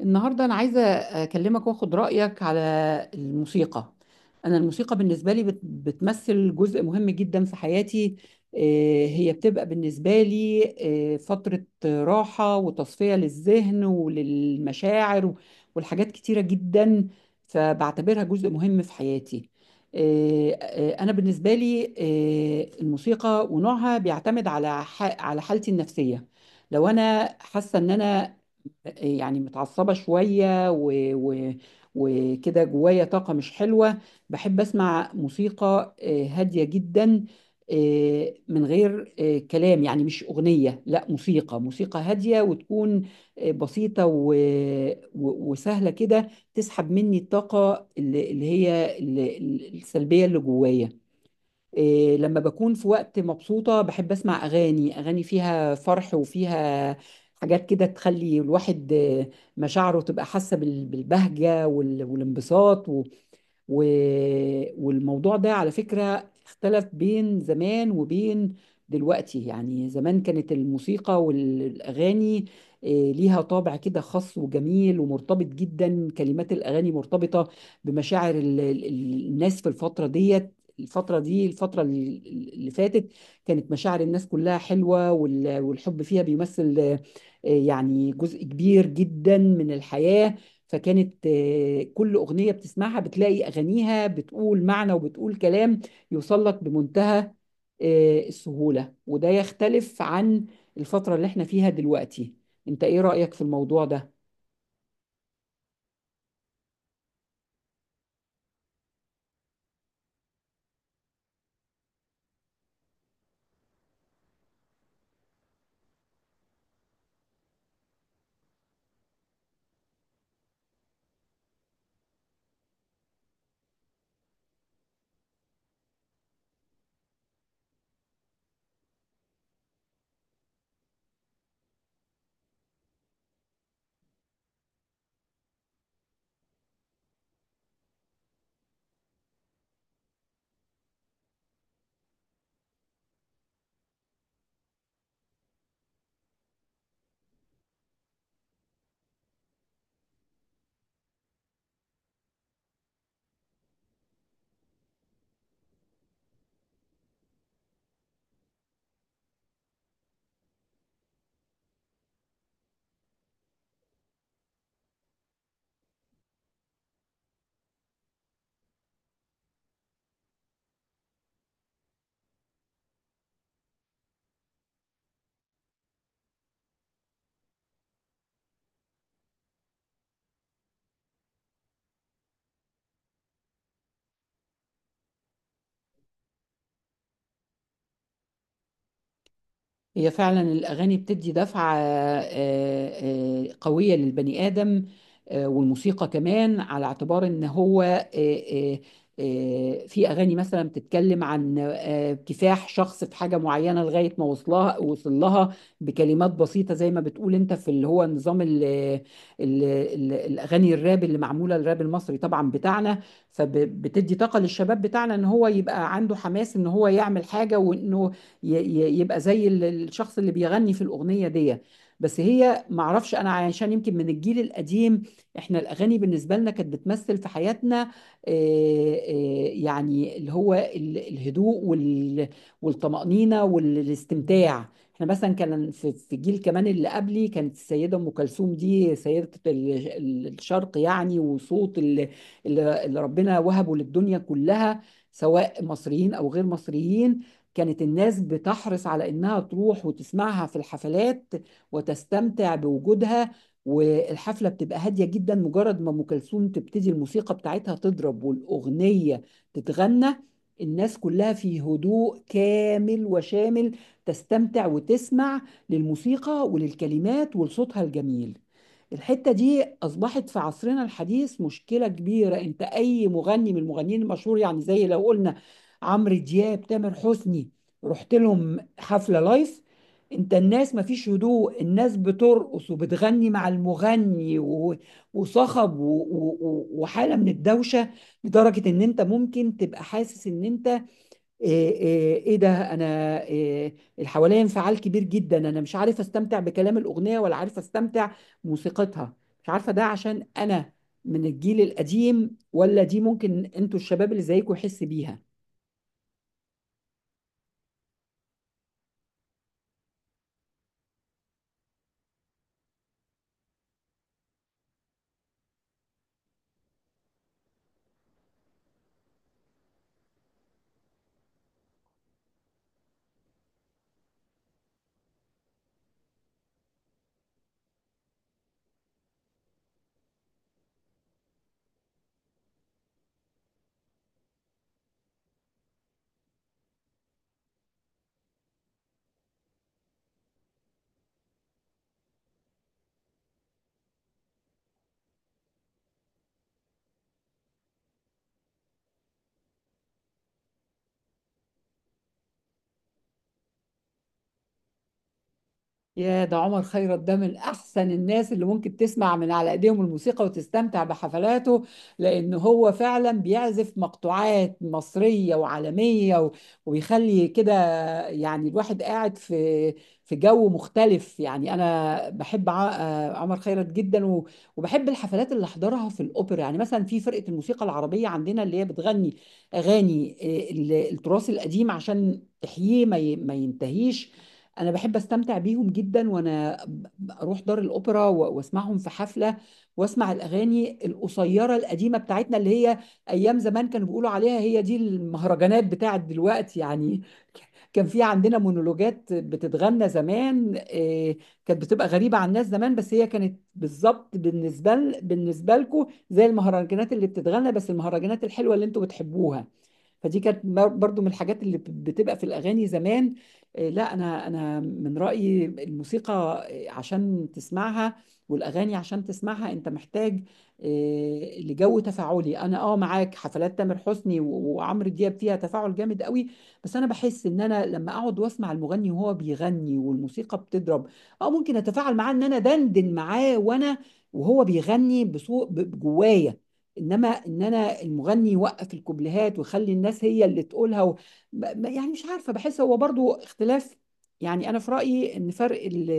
النهاردة أنا عايزة أكلمك وأخد رأيك على الموسيقى. أنا الموسيقى بالنسبة لي بتمثل جزء مهم جدا في حياتي. هي بتبقى بالنسبة لي فترة راحة وتصفية للذهن وللمشاعر والحاجات كتيرة جدا، فبعتبرها جزء مهم في حياتي. أنا بالنسبة لي الموسيقى ونوعها بيعتمد على على حالتي النفسية. لو أنا حاسة إن أنا يعني متعصبة شوية وكده جوايا طاقة مش حلوة، بحب أسمع موسيقى هادية جدا، من غير كلام، يعني مش أغنية، لا، موسيقى، موسيقى هادية وتكون بسيطة وسهلة كده، تسحب مني الطاقة اللي هي السلبية اللي جوايا. إيه، لما بكون في وقت مبسوطة بحب أسمع أغاني، أغاني فيها فرح وفيها حاجات كده تخلي الواحد مشاعره تبقى حاسة بالبهجة والانبساط و... والموضوع ده على فكرة اختلف بين زمان وبين دلوقتي. يعني زمان كانت الموسيقى والأغاني ليها طابع كده خاص وجميل ومرتبط جدا، كلمات الأغاني مرتبطة بمشاعر الناس في الفترة ديت. الفترة دي، الفترة اللي فاتت، كانت مشاعر الناس كلها حلوة، والحب فيها بيمثل يعني جزء كبير جدا من الحياة. فكانت كل أغنية بتسمعها بتلاقي أغانيها بتقول معنى وبتقول كلام يوصل لك بمنتهى السهولة، وده يختلف عن الفترة اللي احنا فيها دلوقتي. انت ايه رأيك في الموضوع ده؟ هي فعلا الأغاني بتدي دفعة قوية للبني آدم، والموسيقى كمان، على اعتبار إن هو في أغاني مثلا بتتكلم عن كفاح شخص في حاجة معينة لغاية ما وصلها وصل لها بكلمات بسيطة، زي ما بتقول أنت، في اللي هو نظام ال ال ال الأغاني الراب، اللي معمولة الراب المصري طبعا بتاعنا، فبتدي طاقة للشباب بتاعنا إن هو يبقى عنده حماس إن هو يعمل حاجة، وإنه يبقى زي الشخص اللي بيغني في الأغنية دي. بس هي معرفش، أنا عشان يمكن من الجيل القديم، إحنا الأغاني بالنسبة لنا كانت بتمثل في حياتنا يعني اللي هو الهدوء والطمأنينة والاستمتاع. احنا مثلا كان في الجيل كمان اللي قبلي كانت السيده ام كلثوم دي سيده الشرق يعني، وصوت اللي اللي ربنا وهبه للدنيا كلها، سواء مصريين او غير مصريين. كانت الناس بتحرص على إنها تروح وتسمعها في الحفلات وتستمتع بوجودها، والحفلة بتبقى هادية جدا. مجرد ما أم كلثوم تبتدي الموسيقى بتاعتها تضرب والأغنية تتغنى، الناس كلها في هدوء كامل وشامل تستمتع وتسمع للموسيقى وللكلمات ولصوتها الجميل. الحتة دي أصبحت في عصرنا الحديث مشكلة كبيرة. أنت أي مغني من المغنيين المشهور، يعني زي لو قلنا عمرو دياب، تامر حسني، رحت لهم حفله لايف، انت الناس مفيش هدوء، الناس بترقص وبتغني مع المغني، وصخب وحاله من الدوشه، لدرجه ان انت ممكن تبقى حاسس ان انت ايه, ايه, ايه ده، انا ايه الحوالي، انفعال كبير جدا، انا مش عارف استمتع بكلام الاغنيه ولا عارف استمتع بموسيقتها. مش عارفه ده عشان انا من الجيل القديم، ولا دي ممكن انتوا الشباب اللي زيكم يحس بيها. يا ده عمر خيرت ده من احسن الناس اللي ممكن تسمع من على ايديهم الموسيقى وتستمتع بحفلاته، لان هو فعلا بيعزف مقطوعات مصرية وعالمية، وبيخلي كده يعني الواحد قاعد في في جو مختلف. يعني انا بحب عمر خيرت جدا، وبحب الحفلات اللي احضرها في الاوبرا، يعني مثلا في فرقة الموسيقى العربية عندنا اللي هي بتغني اغاني التراث القديم عشان تحييه ما ينتهيش. انا بحب استمتع بيهم جدا، وانا اروح دار الاوبرا واسمعهم في حفله، واسمع الاغاني القصيره القديمه بتاعتنا، اللي هي ايام زمان كانوا بيقولوا عليها، هي دي المهرجانات بتاعت دلوقتي يعني. كان في عندنا مونولوجات بتتغنى زمان، كانت بتبقى غريبه عن الناس زمان، بس هي كانت بالظبط بالنسبه لكم زي المهرجانات اللي بتتغنى، بس المهرجانات الحلوه اللي انتوا بتحبوها. فدي كانت برضو من الحاجات اللي بتبقى في الأغاني زمان. لا، أنا من رأيي الموسيقى عشان تسمعها، والأغاني عشان تسمعها، أنت محتاج لجو تفاعلي. أنا أه معاك، حفلات تامر حسني وعمرو دياب فيها تفاعل جامد قوي. بس أنا بحس إن أنا لما أقعد وأسمع المغني وهو بيغني والموسيقى بتضرب، أه ممكن أتفاعل معاه إن أنا دندن معاه وأنا وهو بيغني بصوت جوايا. انما ان انا المغني يوقف الكوبليهات ويخلي الناس هي اللي تقولها و... ما- ما- يعني مش عارفه، بحس هو برضو اختلاف. يعني انا في رايي ان فرق ال...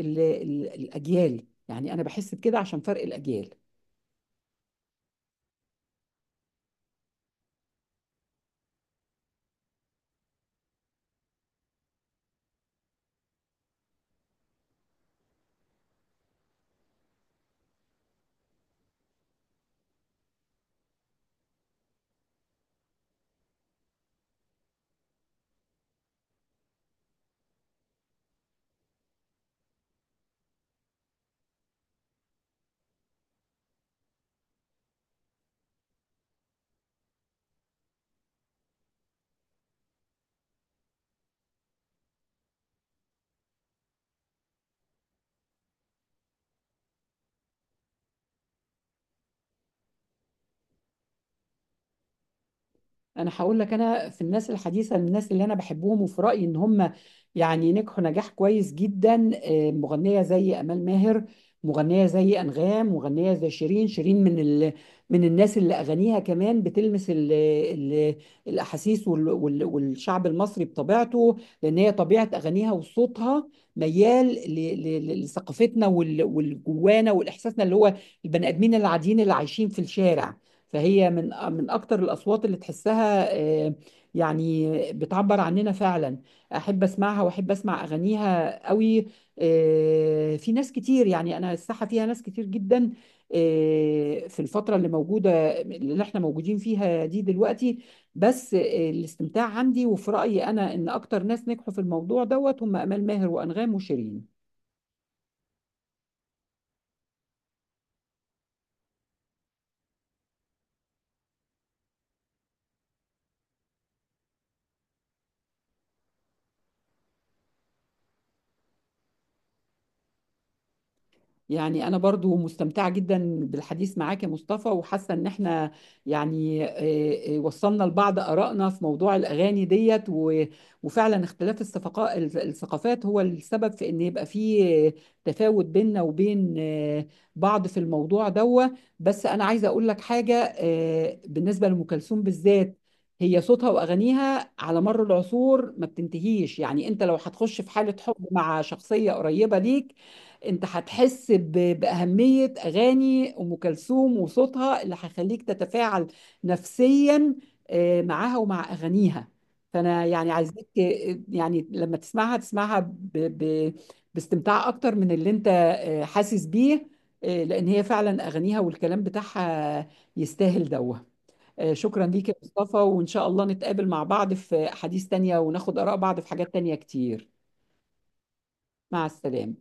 ال... ال... الاجيال، يعني انا بحس بكده عشان فرق الاجيال. انا هقول لك، انا في الناس الحديثه من الناس اللي انا بحبهم وفي رايي ان هم يعني نجحوا نجاح كويس جدا، مغنيه زي امال ماهر، مغنيه زي انغام، مغنيه زي شيرين. شيرين من الناس اللي اغانيها كمان بتلمس الاحاسيس والشعب المصري بطبيعته، لان هي طبيعه اغانيها وصوتها ميال لثقافتنا والجوانا والاحساسنا، اللي هو البني ادمين العاديين اللي عايشين في الشارع. فهي من من اكتر الاصوات اللي تحسها آه، يعني بتعبر عننا فعلا، احب اسمعها واحب اسمع اغانيها قوي. في ناس كتير، يعني انا الساحه فيها ناس كتير جدا في الفتره اللي موجوده اللي احنا موجودين فيها دي دلوقتي، بس الاستمتاع عندي وفي رايي انا ان اكتر ناس نجحوا في الموضوع دوت هم امال ماهر وانغام وشيرين. يعني أنا برضو مستمتعة جدا بالحديث معاك يا مصطفى، وحاسة إن إحنا يعني وصلنا لبعض آرائنا في موضوع الأغاني ديت، وفعلا اختلاف الثقافات هو السبب في إن يبقى فيه تفاوت بيننا وبين بعض في الموضوع ده. بس أنا عايزة أقول لك حاجة بالنسبة لأم كلثوم بالذات، هي صوتها وأغانيها على مر العصور ما بتنتهيش. يعني أنت لو هتخش في حالة حب مع شخصية قريبة ليك، انت هتحس بأهمية أغاني أم كلثوم وصوتها، اللي هيخليك تتفاعل نفسيا معاها ومع أغانيها. فأنا يعني عايزاك يعني لما تسمعها تسمعها باستمتاع أكتر من اللي انت حاسس بيه، لأن هي فعلا أغانيها والكلام بتاعها يستاهل دوه. شكرا ليك يا مصطفى، وإن شاء الله نتقابل مع بعض في أحاديث تانية وناخد آراء بعض في حاجات تانية كتير. مع السلامة.